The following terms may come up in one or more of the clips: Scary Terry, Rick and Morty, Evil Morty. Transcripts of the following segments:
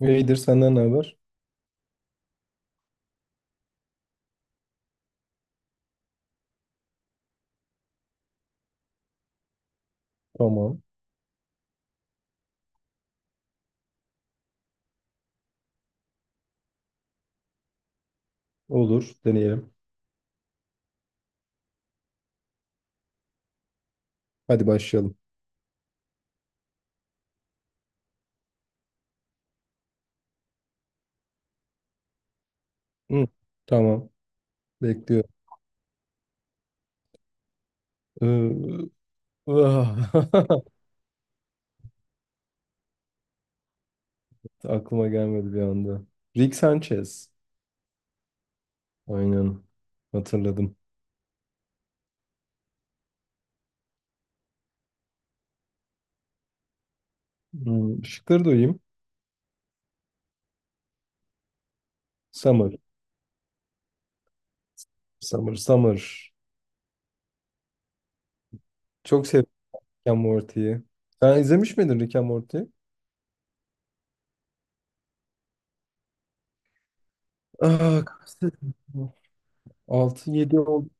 İyidir senden ne haber? Tamam. Olur. Deneyelim. Hadi başlayalım. Hı, tamam. Bekliyorum. Ee, ah, Aklıma gelmedi bir anda. Rick Sanchez. Aynen. Hatırladım. Şıkları duyayım. Summer. Summer. Summer. Çok sevdim Rick and Morty'yi. Sen izlemiş miydin Rick and Morty'yi? Aa, kaç sezon? 6-7 oldu.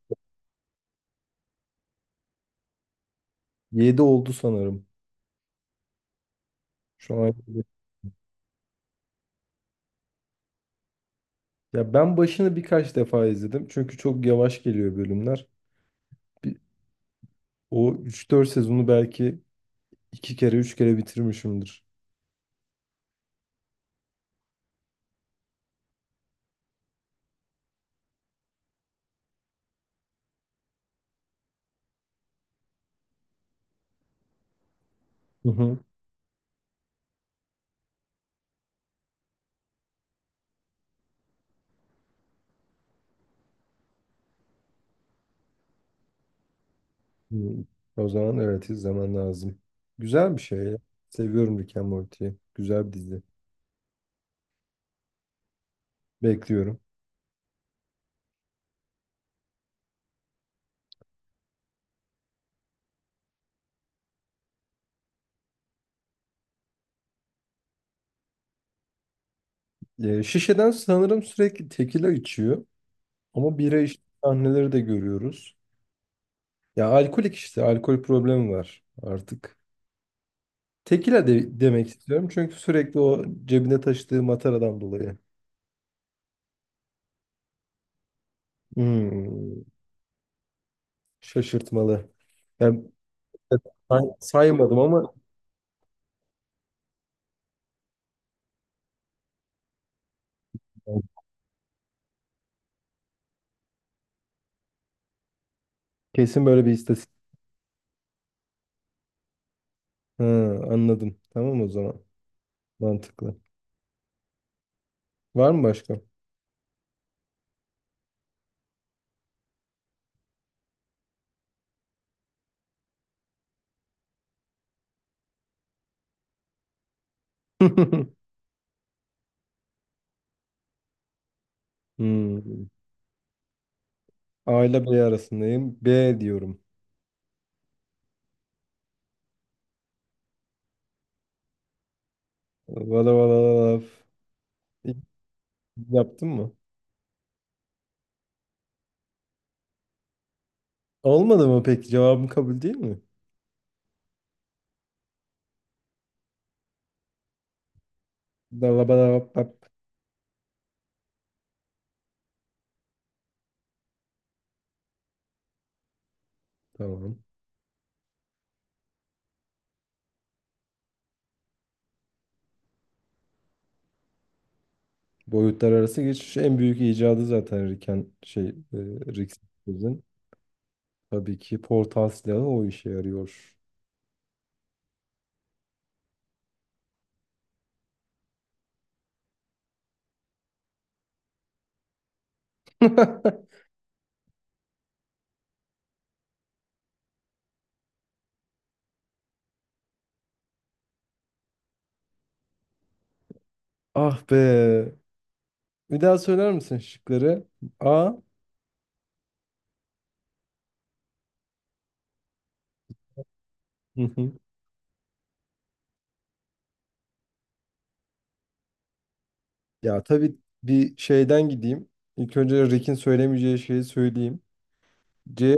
Yedi oldu sanırım. Şu an. Ya ben başını birkaç defa izledim. Çünkü çok yavaş geliyor bölümler. Bir- O üç dört sezonu belki iki kere üç kere bitirmişimdir. Hı hı. Hı. O zaman evet izlemen lazım. Güzel bir şey ya. Seviyorum Rick and Morty'yi. Güzel bir dizi. Bekliyorum. Şişeden sanırım sürekli tekila içiyor. Ama bira içtiği sahneleri de görüyoruz. Ya alkolik işte. Alkol problemi var artık. Tekila de demek istiyorum. Çünkü sürekli o cebine taşıdığı mataradan dolayı. Hmm, Şaşırtmalı. Yani evet, saymadım ama kesin böyle bir istatistik. Ha, anladım. Tamam o zaman. Mantıklı. Var mı başka? Hmm. A ile B arasındayım. B diyorum. Valla valla valla. İlk Yaptın mı? Olmadı mı peki? Cevabım kabul değil mi? Dalla bala bap bap. Tamam. Boyutlar arası geçiş en büyük icadı zaten Riken Rick Sanchez'in. Tabii ki portal silahı o işe yarıyor. Ah be. Bir daha söyler misin şıkları? A. Ya tabii bir şeyden gideyim. İlk önce Rick'in söylemeyeceği şeyi söyleyeyim. C,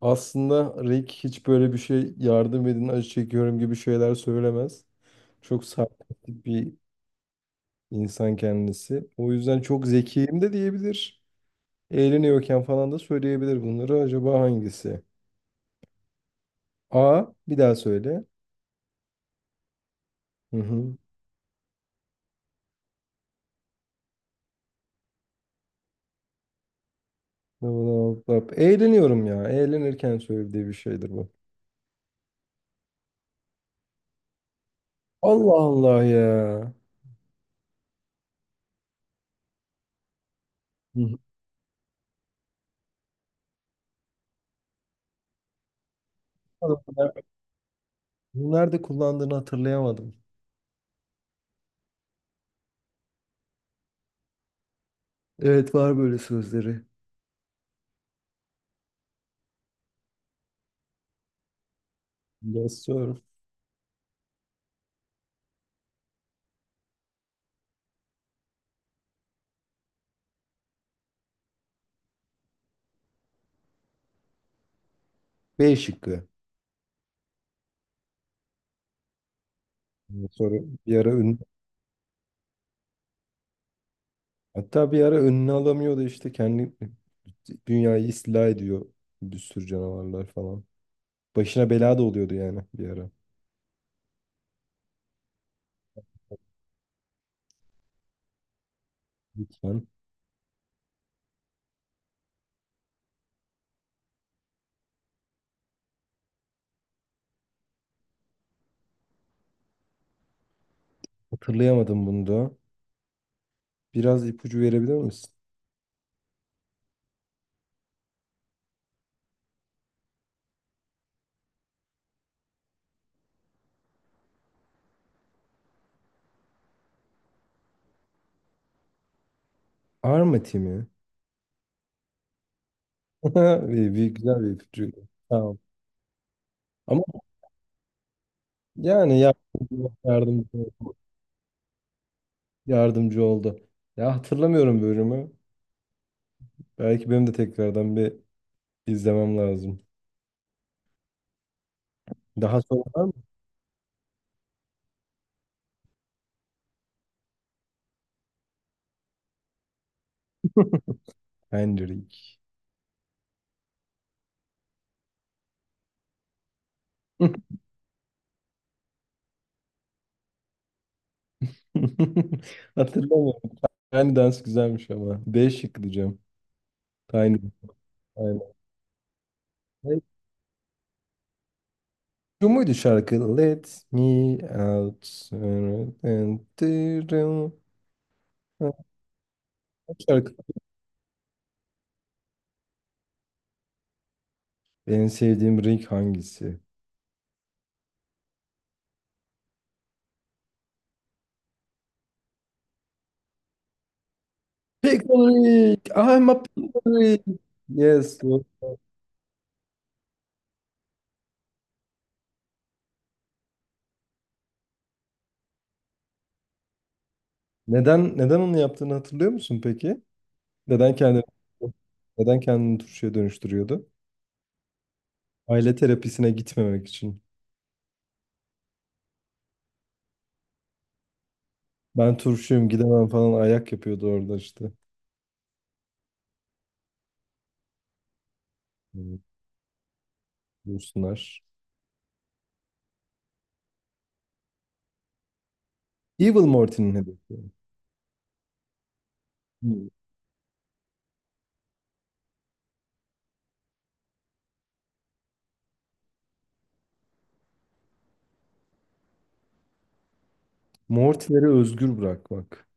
aslında Rick hiç böyle bir şey, yardım edin acı çekiyorum gibi şeyler söylemez. Çok sarkastik bir insan kendisi. O yüzden çok zekiyim de diyebilir. Eğleniyorken falan da söyleyebilir bunları. Acaba hangisi? A bir daha söyle. Hı hı. Bla bla bla bla. Eğleniyorum ya. Eğlenirken söylediği bir şeydir bu. Allah Allah ya. Hı hı. Nerede kullandığını hatırlayamadım. Evet, var böyle sözleri. Yes sir. B şıkkı. Sonra bir ara hatta bir ara önüne alamıyordu işte, kendi dünyayı istila ediyor bir sürü canavarlar falan. Başına bela da oluyordu yani bir ara. Lütfen. Hatırlayamadım bunu da. Biraz ipucu verebilir misin? Armati mi? Bir güzel bir ipucu. Tamam. Ama yani yardımcı, yardımcı oldu. Ya hatırlamıyorum bölümü. Belki benim de tekrardan bir izlemem lazım. Daha sonra var mı? Hendrik. Hatırlamıyorum. Yani dans güzelmiş ama. B şık diyeceğim. Tiny. Aynen. Ne- Şu muydu şarkı? Let me out. and do- Şarkı. En sevdiğim renk hangisi? Pickle, I'm a pickle. Yes, o. Neden onu yaptığını hatırlıyor musun peki? Neden kendini neden kendini turşuya dönüştürüyordu? Aile terapisine gitmemek için. Ben turşuyum, gidemem falan ayak yapıyordu orada işte. Evet, Dursunlar. Evil Morty'nin hedefi. Hmm. Morty'leri özgür bırakmak.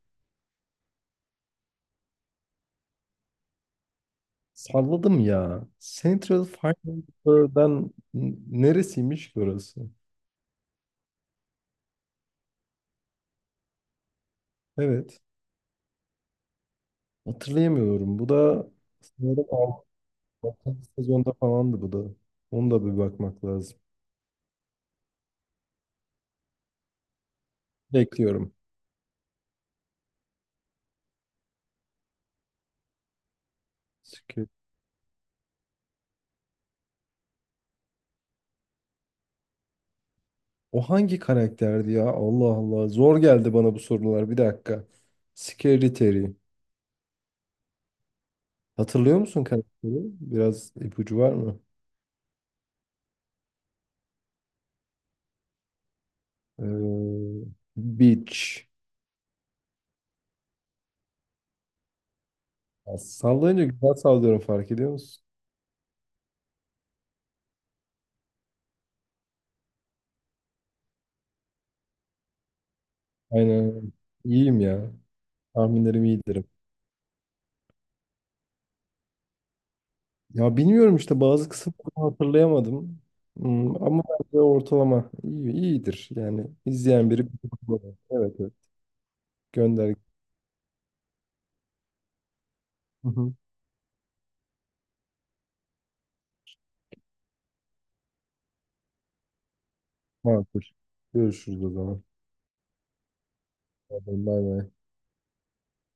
Salladım ya. Central Fire'dan, neresiymiş ki orası? Evet. Hatırlayamıyorum. Bu da sanırım 6. sezonda falandı bu da. Onu da bir bakmak lazım. Bekliyorum. O hangi karakterdi ya? Allah Allah. Zor geldi bana bu sorular. Bir dakika. Scary Terry. Hatırlıyor musun karakteri? Biraz ipucu var mı? Ee, Beach. Ya sallayınca güzel sallıyorum, fark ediyor musun? Aynen. İyiyim ya. Tahminlerim iyidir. Ya bilmiyorum işte, bazı kısımları hatırlayamadım. Ama bence ortalama iyidir. Yani izleyen biri. Evet, evet. Gönder. Hı hı. Makul. Görüşürüz o zaman. Bay bay.